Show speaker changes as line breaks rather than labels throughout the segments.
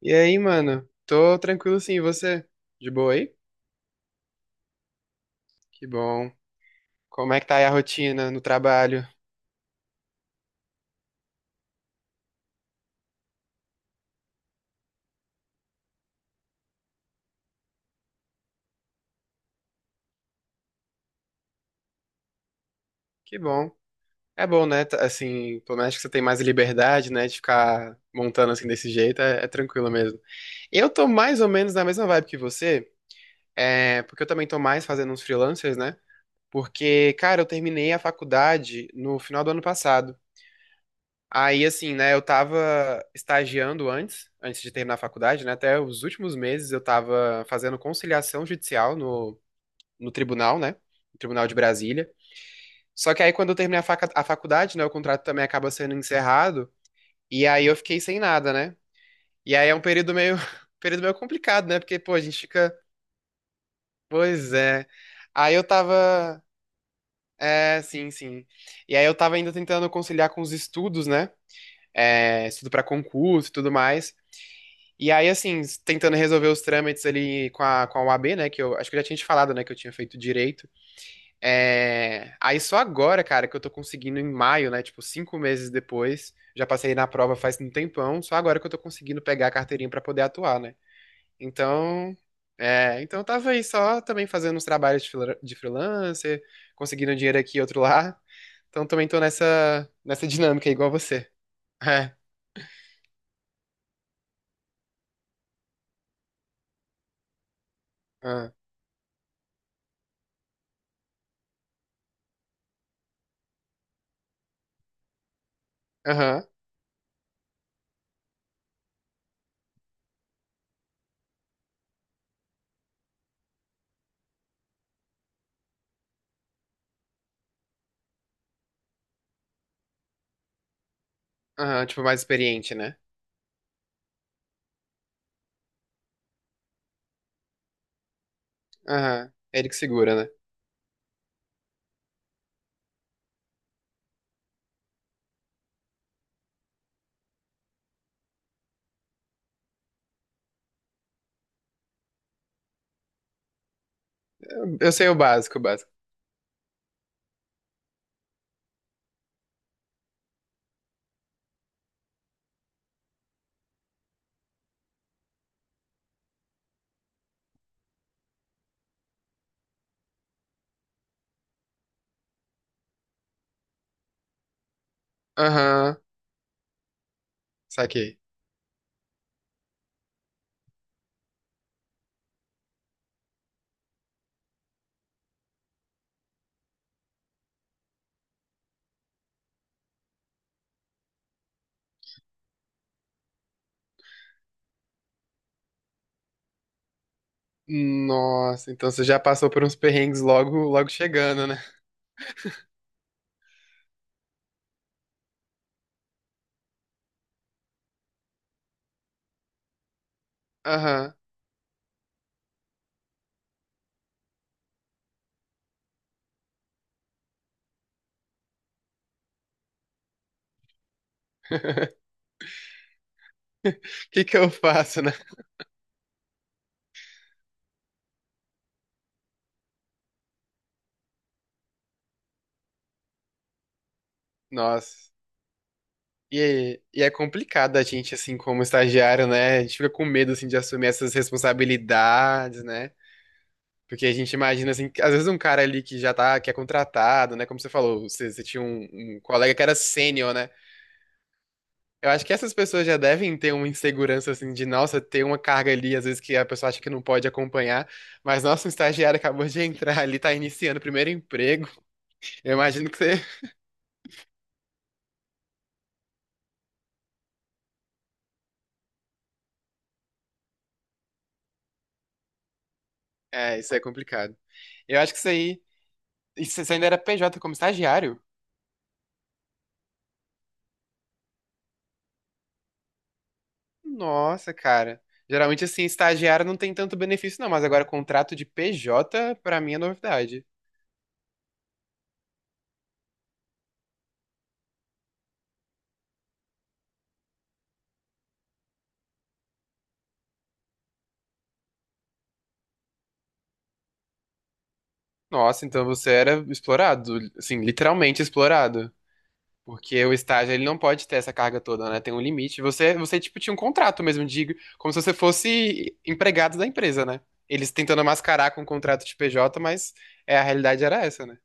E aí, mano? Tô tranquilo sim, e você? De boa aí? Que bom. Como é que tá aí a rotina no trabalho? Que bom. É bom, né? Assim, pelo menos que você tem mais liberdade, né? De ficar montando assim desse jeito, é tranquilo mesmo. Eu tô mais ou menos na mesma vibe que você, porque eu também tô mais fazendo uns freelancers, né? Porque, cara, eu terminei a faculdade no final do ano passado. Aí, assim, né, eu tava estagiando antes, antes de terminar a faculdade, né, até os últimos meses eu tava fazendo conciliação judicial no tribunal, né, no Tribunal de Brasília. Só que aí quando eu terminei a faculdade, né, o contrato também acaba sendo encerrado, e aí eu fiquei sem nada, né. E aí é um período meio, período meio complicado, né, porque, pô, a gente fica, pois é. Aí eu tava, é, sim, sim. E aí eu tava ainda tentando conciliar com os estudos, né, estudo pra concurso e tudo mais. E aí, assim, tentando resolver os trâmites ali com a UAB, né? Que eu acho que eu já tinha te falado, né? Que eu tinha feito direito. É... Aí só agora, cara, que eu tô conseguindo em maio, né? Tipo, cinco meses depois. Já passei na prova faz um tempão. Só agora que eu tô conseguindo pegar a carteirinha pra poder atuar, né? Então. É, então eu tava aí só também fazendo uns trabalhos de de freelancer, conseguindo um dinheiro aqui e outro lá. Então também tô nessa dinâmica aí, igual você. É. Ah. Aham. Aham. Tipo, mais experiente, né? Aham. É ele que segura, né? Eu sei o básico, o básico. Aham. Saquei. Nossa, então você já passou por uns perrengues logo, logo chegando, né? Aham. O que que eu faço, né? Nossa. E é complicado a gente, assim, como estagiário, né? A gente fica com medo, assim, de assumir essas responsabilidades, né? Porque a gente imagina, assim, que às vezes um cara ali que já tá, que é contratado, né? Como você falou, você tinha um colega que era sênior, né? Eu acho que essas pessoas já devem ter uma insegurança assim de, nossa, ter uma carga ali, às vezes que a pessoa acha que não pode acompanhar, mas nossa, um estagiário acabou de entrar ali, tá iniciando o primeiro emprego. Eu imagino que você. É, isso é complicado. Eu acho que isso aí. Você ainda era PJ como estagiário? Nossa, cara. Geralmente, assim, estagiário não tem tanto benefício, não, mas agora contrato de PJ, pra mim, é novidade. Nossa, então você era explorado, assim, literalmente explorado. Porque o estágio, ele não pode ter essa carga toda, né? Tem um limite. Você, tinha um contrato mesmo, digo, como se você fosse empregado da empresa, né? Eles tentando mascarar com o contrato de PJ, mas é, a realidade era essa, né?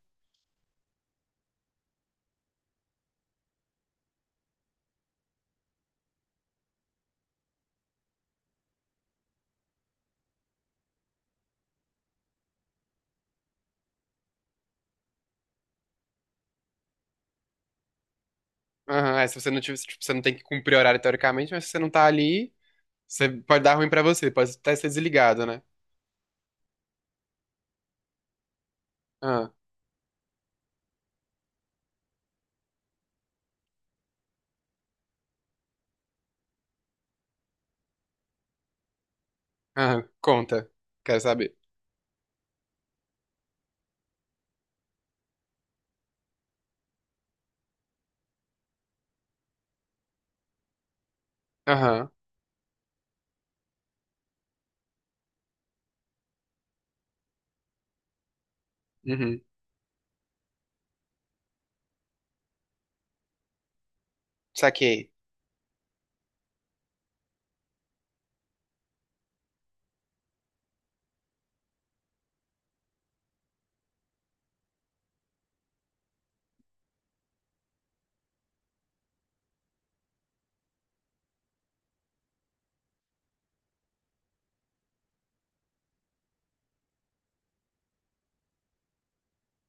Aham, é, se você não tiver, tipo, você não tem que cumprir horário teoricamente, mas se você não tá ali, você pode dar ruim pra você, pode até ser desligado, né? Aham, aham, conta. Quero saber. Aham, uhum, saquei.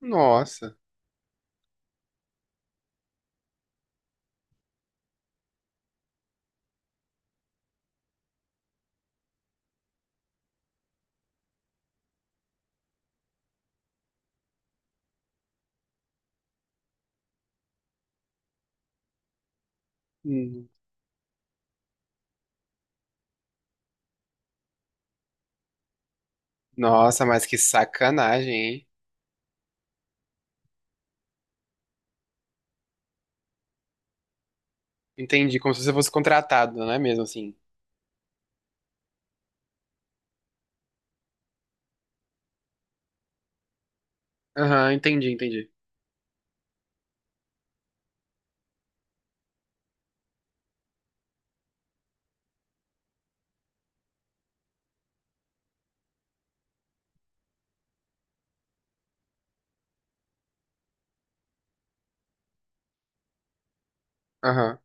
Nossa. Hum. Nossa, mas que sacanagem, hein? Entendi, como se você fosse contratado, não é mesmo assim? Aham, entendi, entendi. Aham.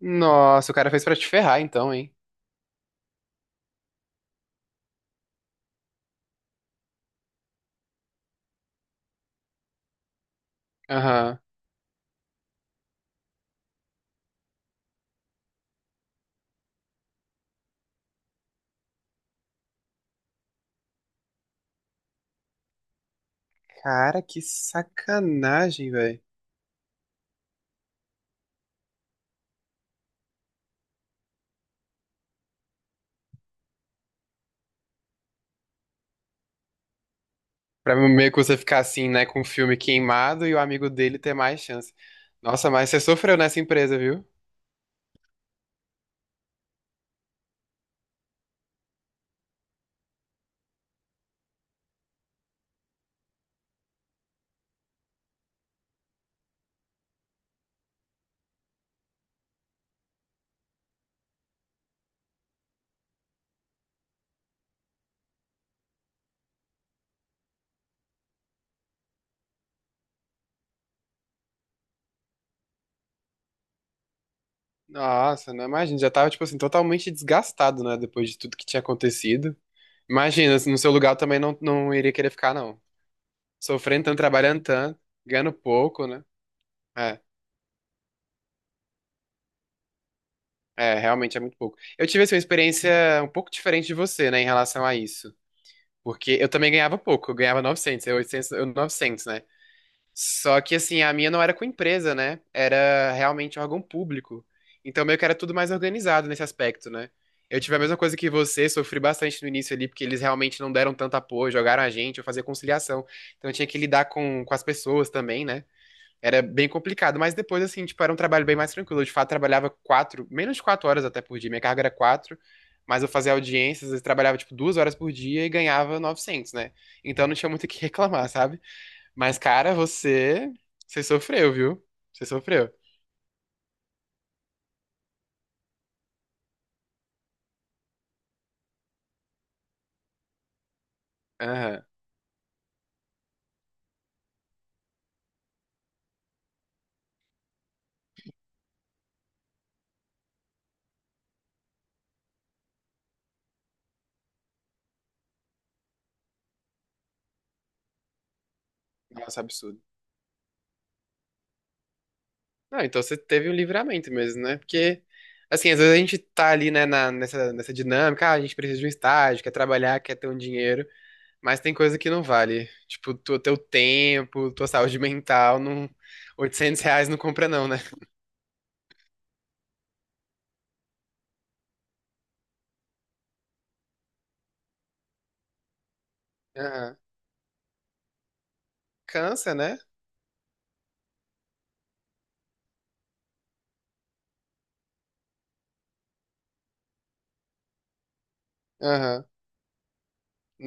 Nossa, o cara fez pra te ferrar então, hein? Aham. Cara, que sacanagem, velho. Pra meio que você ficar assim, né, com o filme queimado e o amigo dele ter mais chance. Nossa, mas você sofreu nessa empresa, viu? Nossa, não imagina, já tava, tipo assim, totalmente desgastado, né, depois de tudo que tinha acontecido. Imagina, no seu lugar eu também não, não iria querer ficar, não. Sofrendo tanto, trabalhando tanto, ganhando pouco, né? É, é, realmente é muito pouco. Eu tive assim, uma experiência um pouco diferente de você, né, em relação a isso. Porque eu também ganhava pouco, eu ganhava 900, eu 800, eu 900, né? Só que assim, a minha não era com empresa, né? Era realmente órgão público. Então meio que era tudo mais organizado nesse aspecto, né? Eu tive a mesma coisa que você, sofri bastante no início ali, porque eles realmente não deram tanto apoio, jogaram a gente, eu fazia conciliação. Então eu tinha que lidar com as pessoas também, né? Era bem complicado, mas depois, assim, tipo, era um trabalho bem mais tranquilo. Eu, de fato, trabalhava quatro, menos de quatro horas até por dia, minha carga era quatro, mas eu fazia audiências, eu trabalhava, tipo, duas horas por dia e ganhava 900, né? Então não tinha muito o que reclamar, sabe? Mas, cara, você. Você sofreu, viu? Você sofreu. Aham. Nossa, absurdo. Não, então você teve um livramento mesmo, né? Porque, assim, às vezes a gente tá ali, né, nessa, nessa dinâmica, ah, a gente precisa de um estágio, quer trabalhar, quer ter um dinheiro, mas tem coisa que não vale. Tipo, tu, teu tempo, tua saúde mental, não, R$ 800 não compra não, né? Aham. Cansa, né? Aham.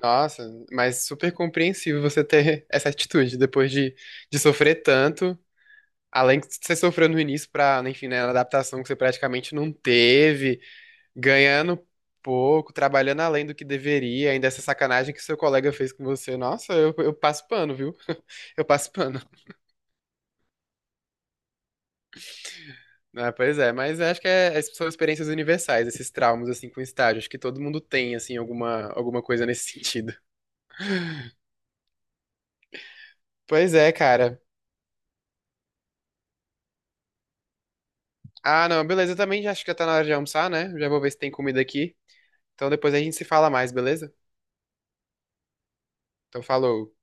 Nossa, mas super compreensível você ter essa atitude depois de sofrer tanto. Além de você sofreu no início pra, enfim, né, na adaptação que você praticamente não teve, ganhando pouco, trabalhando além do que deveria, ainda essa sacanagem que seu colega fez com você. Nossa, eu passo pano, viu? Eu passo pano. Ah, pois é, mas acho que essas são experiências universais, esses traumas, assim, com estágio. Acho que todo mundo tem, assim, alguma, alguma coisa nesse sentido. Pois é, cara. Ah, não, beleza, eu também já acho que já tá na hora de almoçar, né? Já vou ver se tem comida aqui. Então depois a gente se fala mais, beleza? Então falou.